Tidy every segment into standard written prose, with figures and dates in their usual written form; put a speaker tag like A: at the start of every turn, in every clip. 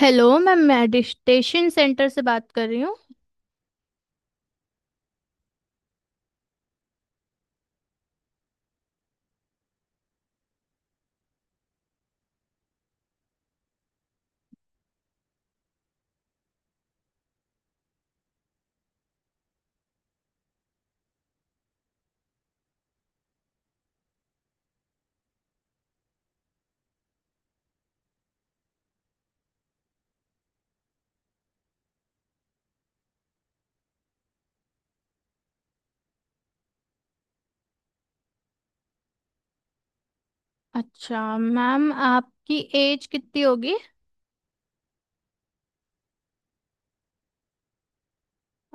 A: Hello ma'am, meditation centre से बात कर रही हूँ। अच्छा मैम, आपकी एज कितनी होगी?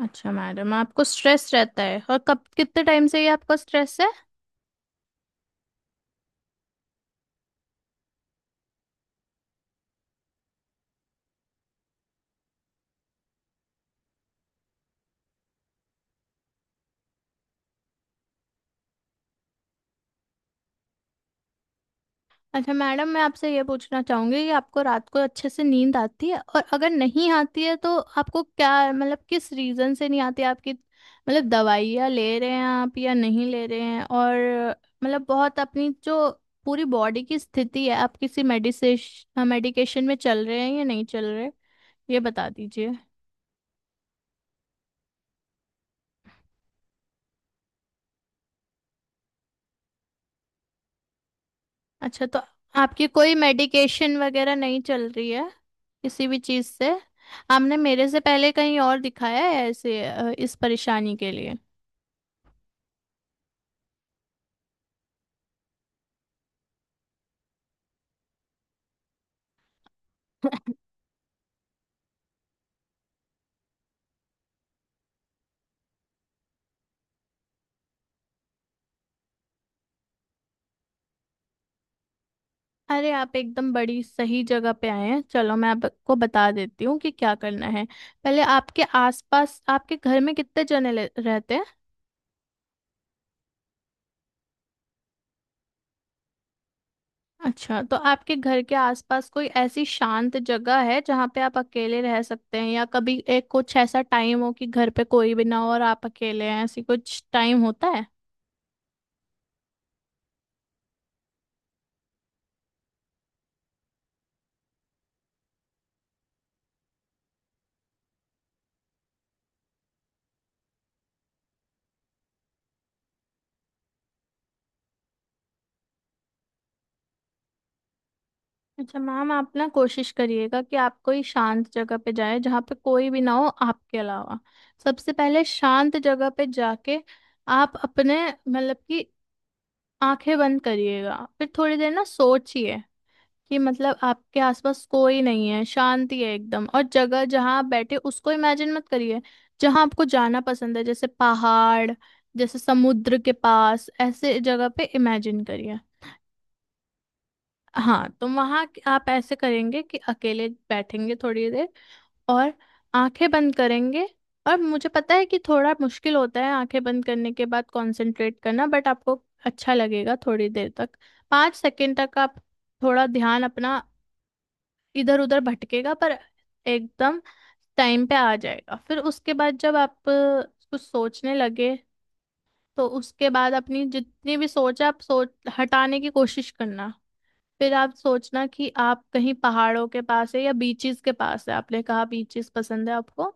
A: अच्छा मैडम, आपको स्ट्रेस रहता है, और कब, कितने टाइम से ये आपको स्ट्रेस है? अच्छा मैडम, मैं आपसे ये पूछना चाहूंगी कि आपको रात को अच्छे से नींद आती है, और अगर नहीं आती है तो आपको क्या मतलब किस रीजन से नहीं आती है? आपकी मतलब दवाइयाँ ले रहे हैं आप या नहीं ले रहे हैं, और मतलब बहुत अपनी जो पूरी बॉडी की स्थिति है, आप किसी मेडिसेश मेडिकेशन में चल रहे हैं या नहीं चल रहे, ये बता दीजिए। अच्छा, तो आपकी कोई मेडिकेशन वगैरह नहीं चल रही है किसी भी चीज़ से? आपने मेरे से पहले कहीं और दिखाया है ऐसे इस परेशानी के लिए? अरे, आप एकदम बड़ी सही जगह पे आए हैं। चलो, मैं आपको बता देती हूँ कि क्या करना है। पहले आपके आसपास आपके घर में कितने जने रहते हैं? अच्छा, तो आपके घर के आसपास कोई ऐसी शांत जगह है जहाँ पे आप अकेले रह सकते हैं, या कभी एक कुछ ऐसा टाइम हो कि घर पे कोई भी ना हो और आप अकेले हैं, ऐसी कुछ टाइम होता है? अच्छा मैम, आप ना कोशिश करिएगा कि आप कोई शांत जगह पे जाएं जहाँ पे कोई भी ना हो आपके अलावा। सबसे पहले शांत जगह पे जाके आप अपने मतलब कि आंखें बंद करिएगा, फिर थोड़ी देर ना सोचिए कि मतलब आपके आसपास कोई नहीं है, शांति है एकदम, और जगह जहाँ आप बैठे उसको इमेजिन मत करिए। जहाँ आपको जाना पसंद है, जैसे पहाड़, जैसे समुद्र के पास, ऐसे जगह पे इमेजिन करिए। हाँ, तो वहां आप ऐसे करेंगे कि अकेले बैठेंगे थोड़ी देर और आंखें बंद करेंगे। और मुझे पता है कि थोड़ा मुश्किल होता है आंखें बंद करने के बाद कंसंट्रेट करना, बट आपको अच्छा लगेगा थोड़ी देर तक। 5 सेकंड तक आप थोड़ा ध्यान अपना इधर उधर भटकेगा, पर एकदम टाइम पे आ जाएगा। फिर उसके बाद जब आप कुछ सोचने लगे, तो उसके बाद अपनी जितनी भी सोच है आप सोच हटाने की कोशिश करना। फिर आप सोचना कि आप कहीं पहाड़ों के पास है या बीचेस के पास है। आपने कहा बीचेस पसंद है आपको,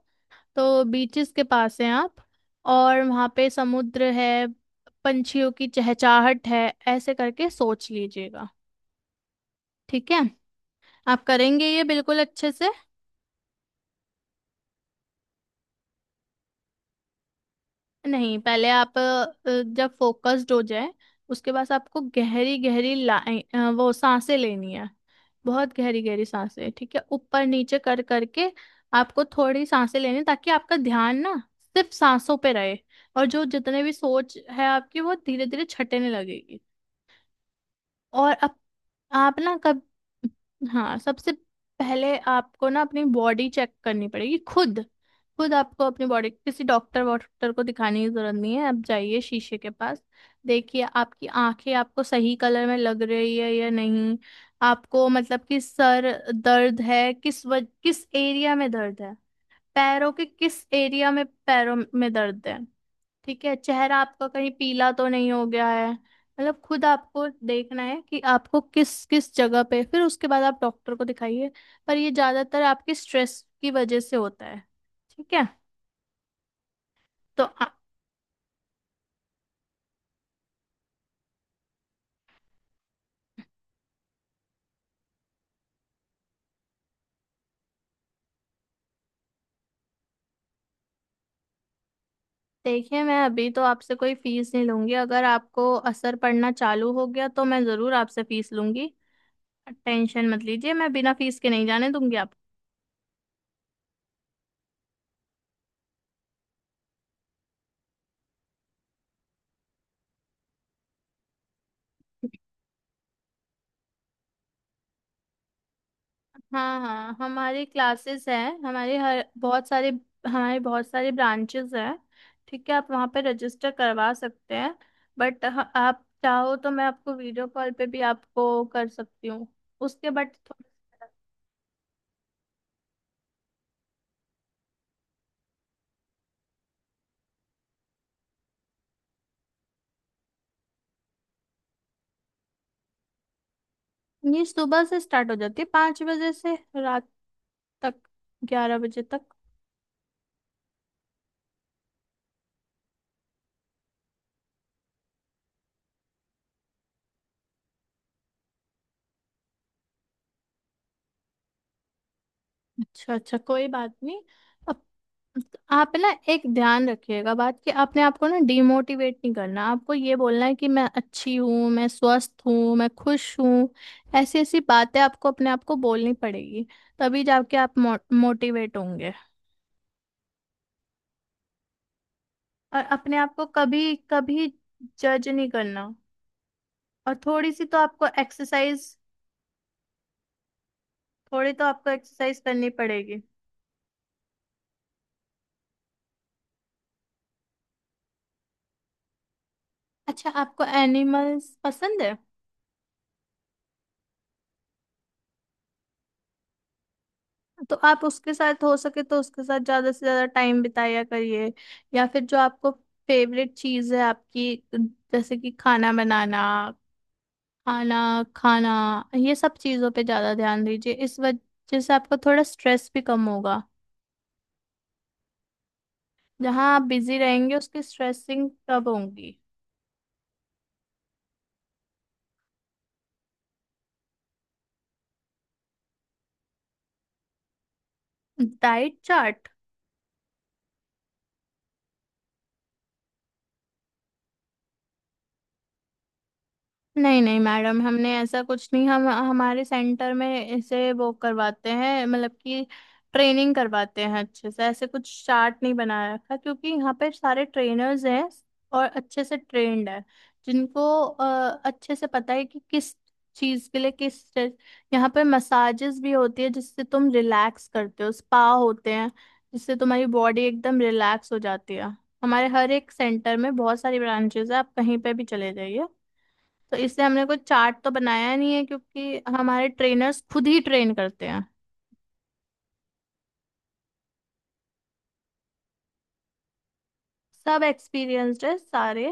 A: तो बीचेस के पास हैं आप, और वहाँ पे समुद्र है, पंछियों की चहचहाहट है, ऐसे करके सोच लीजिएगा। ठीक है? आप करेंगे ये बिल्कुल अच्छे से। नहीं, पहले आप जब फोकस्ड हो जाए, उसके बाद आपको गहरी गहरी लाइन वो सांसें लेनी है। बहुत गहरी गहरी सांसें, ठीक है? ऊपर नीचे कर करके आपको थोड़ी सांसें लेनी है, ताकि आपका ध्यान ना सिर्फ सांसों पे रहे। और जो जितने भी सोच है आपकी वो धीरे धीरे छटने लगेगी। और अब आप ना कब हाँ, सबसे पहले आपको ना अपनी बॉडी चेक करनी पड़ेगी खुद। खुद आपको अपनी बॉडी किसी डॉक्टर वॉक्टर को दिखाने की जरूरत नहीं है। आप जाइए शीशे के पास, देखिए आपकी आंखें आपको सही कलर में लग रही है या नहीं। आपको मतलब कि सर दर्द है, किस एरिया में दर्द है, पैरों के किस एरिया में पैरों में दर्द है। ठीक है? चेहरा आपका कहीं पीला तो नहीं हो गया है, मतलब खुद आपको देखना है कि आपको किस किस जगह पे। फिर उसके बाद आप डॉक्टर को दिखाइए। पर ये ज्यादातर आपके स्ट्रेस की वजह से होता है। ठीक है? तो आ- देखिए, मैं अभी तो आपसे कोई फीस नहीं लूंगी, अगर आपको असर पड़ना चालू हो गया तो मैं जरूर आपसे फीस लूंगी। टेंशन मत लीजिए, मैं बिना फीस के नहीं जाने दूंगी आप। हाँ हाँ, हमारी क्लासेस हैं, हमारे बहुत सारे ब्रांचेस हैं। ठीक है, आप वहाँ पे रजिस्टर करवा सकते हैं। बट आप चाहो तो मैं आपको वीडियो कॉल पे भी आपको कर सकती हूँ। उसके बट ये सुबह से स्टार्ट हो जाती है, 5 बजे से रात तक, 11 बजे तक। अच्छा अच्छा, कोई बात नहीं। आप ना एक ध्यान रखिएगा बात कि आपने आपको ना डिमोटिवेट नहीं करना, आपको ये बोलना है कि मैं अच्छी हूँ, मैं स्वस्थ हूँ, मैं खुश हूँ। ऐसी ऐसी बातें आपको अपने आप को बोलनी पड़ेगी, तभी जाके आप मोटिवेट होंगे। और अपने आप को कभी कभी जज नहीं करना। और थोड़ी तो आपको एक्सरसाइज करनी पड़ेगी। अच्छा, आपको एनिमल्स पसंद है? तो आप उसके साथ हो सके तो उसके साथ ज्यादा से ज्यादा टाइम बिताया करिए। या फिर जो आपको फेवरेट चीज है आपकी, जैसे कि खाना बनाना, खाना खाना, ये सब चीजों पे ज्यादा ध्यान दीजिए। इस वजह से आपको थोड़ा स्ट्रेस भी कम होगा। जहाँ आप बिजी रहेंगे उसकी स्ट्रेसिंग कब होंगी? Diet chart? नहीं नहीं मैडम, हमने ऐसा कुछ नहीं, हम हमारे सेंटर में इसे वो करवाते हैं मतलब कि ट्रेनिंग करवाते हैं अच्छे से। ऐसे कुछ चार्ट नहीं बना रखा क्योंकि यहाँ पे सारे ट्रेनर्स हैं और अच्छे से ट्रेंड है, जिनको अच्छे से पता है कि किस चीज़ के लिए किस चीज़- यहाँ पे मसाजेस भी होती है जिससे तुम रिलैक्स करते हो, स्पा होते हैं जिससे तुम्हारी बॉडी एकदम रिलैक्स हो जाती है। हमारे हर एक सेंटर में बहुत सारी ब्रांचेस है, आप कहीं पे भी चले जाइए। तो इससे हमने कुछ चार्ट तो बनाया नहीं है क्योंकि हमारे ट्रेनर्स खुद ही ट्रेन करते हैं। सब एक्सपीरियंस्ड है सारे।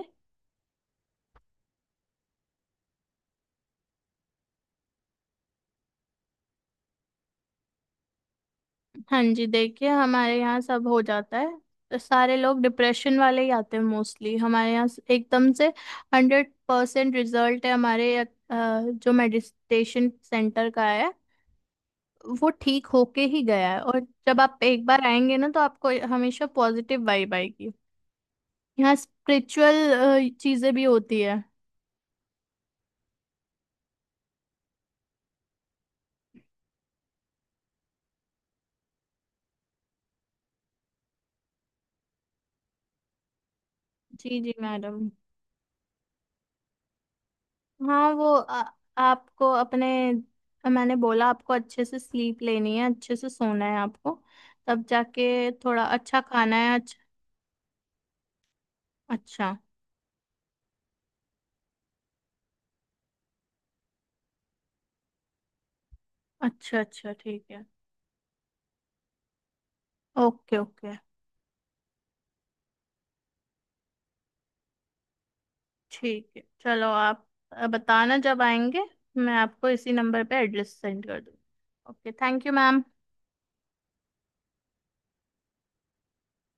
A: हाँ जी, देखिए हमारे यहाँ सब हो जाता है। तो सारे लोग डिप्रेशन वाले ही आते हैं मोस्टली हमारे एकदम से 100% रिजल्ट है हमारे जो मेडिटेशन सेंटर का है, वो ठीक होके ही गया है। और जब आप एक बार आएंगे ना, तो आपको हमेशा पॉजिटिव वाइब आएगी। यहाँ स्पिरिचुअल चीजें भी होती है। जी जी मैडम। हाँ, वो आपको अपने मैंने बोला आपको अच्छे से स्लीप लेनी है, अच्छे से सोना है आपको, तब जाके थोड़ा अच्छा खाना है। अच्छा अच्छा अच्छा अच्छा, ठीक है। Okay okay. ठीक है, चलो आप बताना जब आएंगे, मैं आपको इसी नंबर पे एड्रेस सेंड कर दूँ। Okay, thank you ma'am.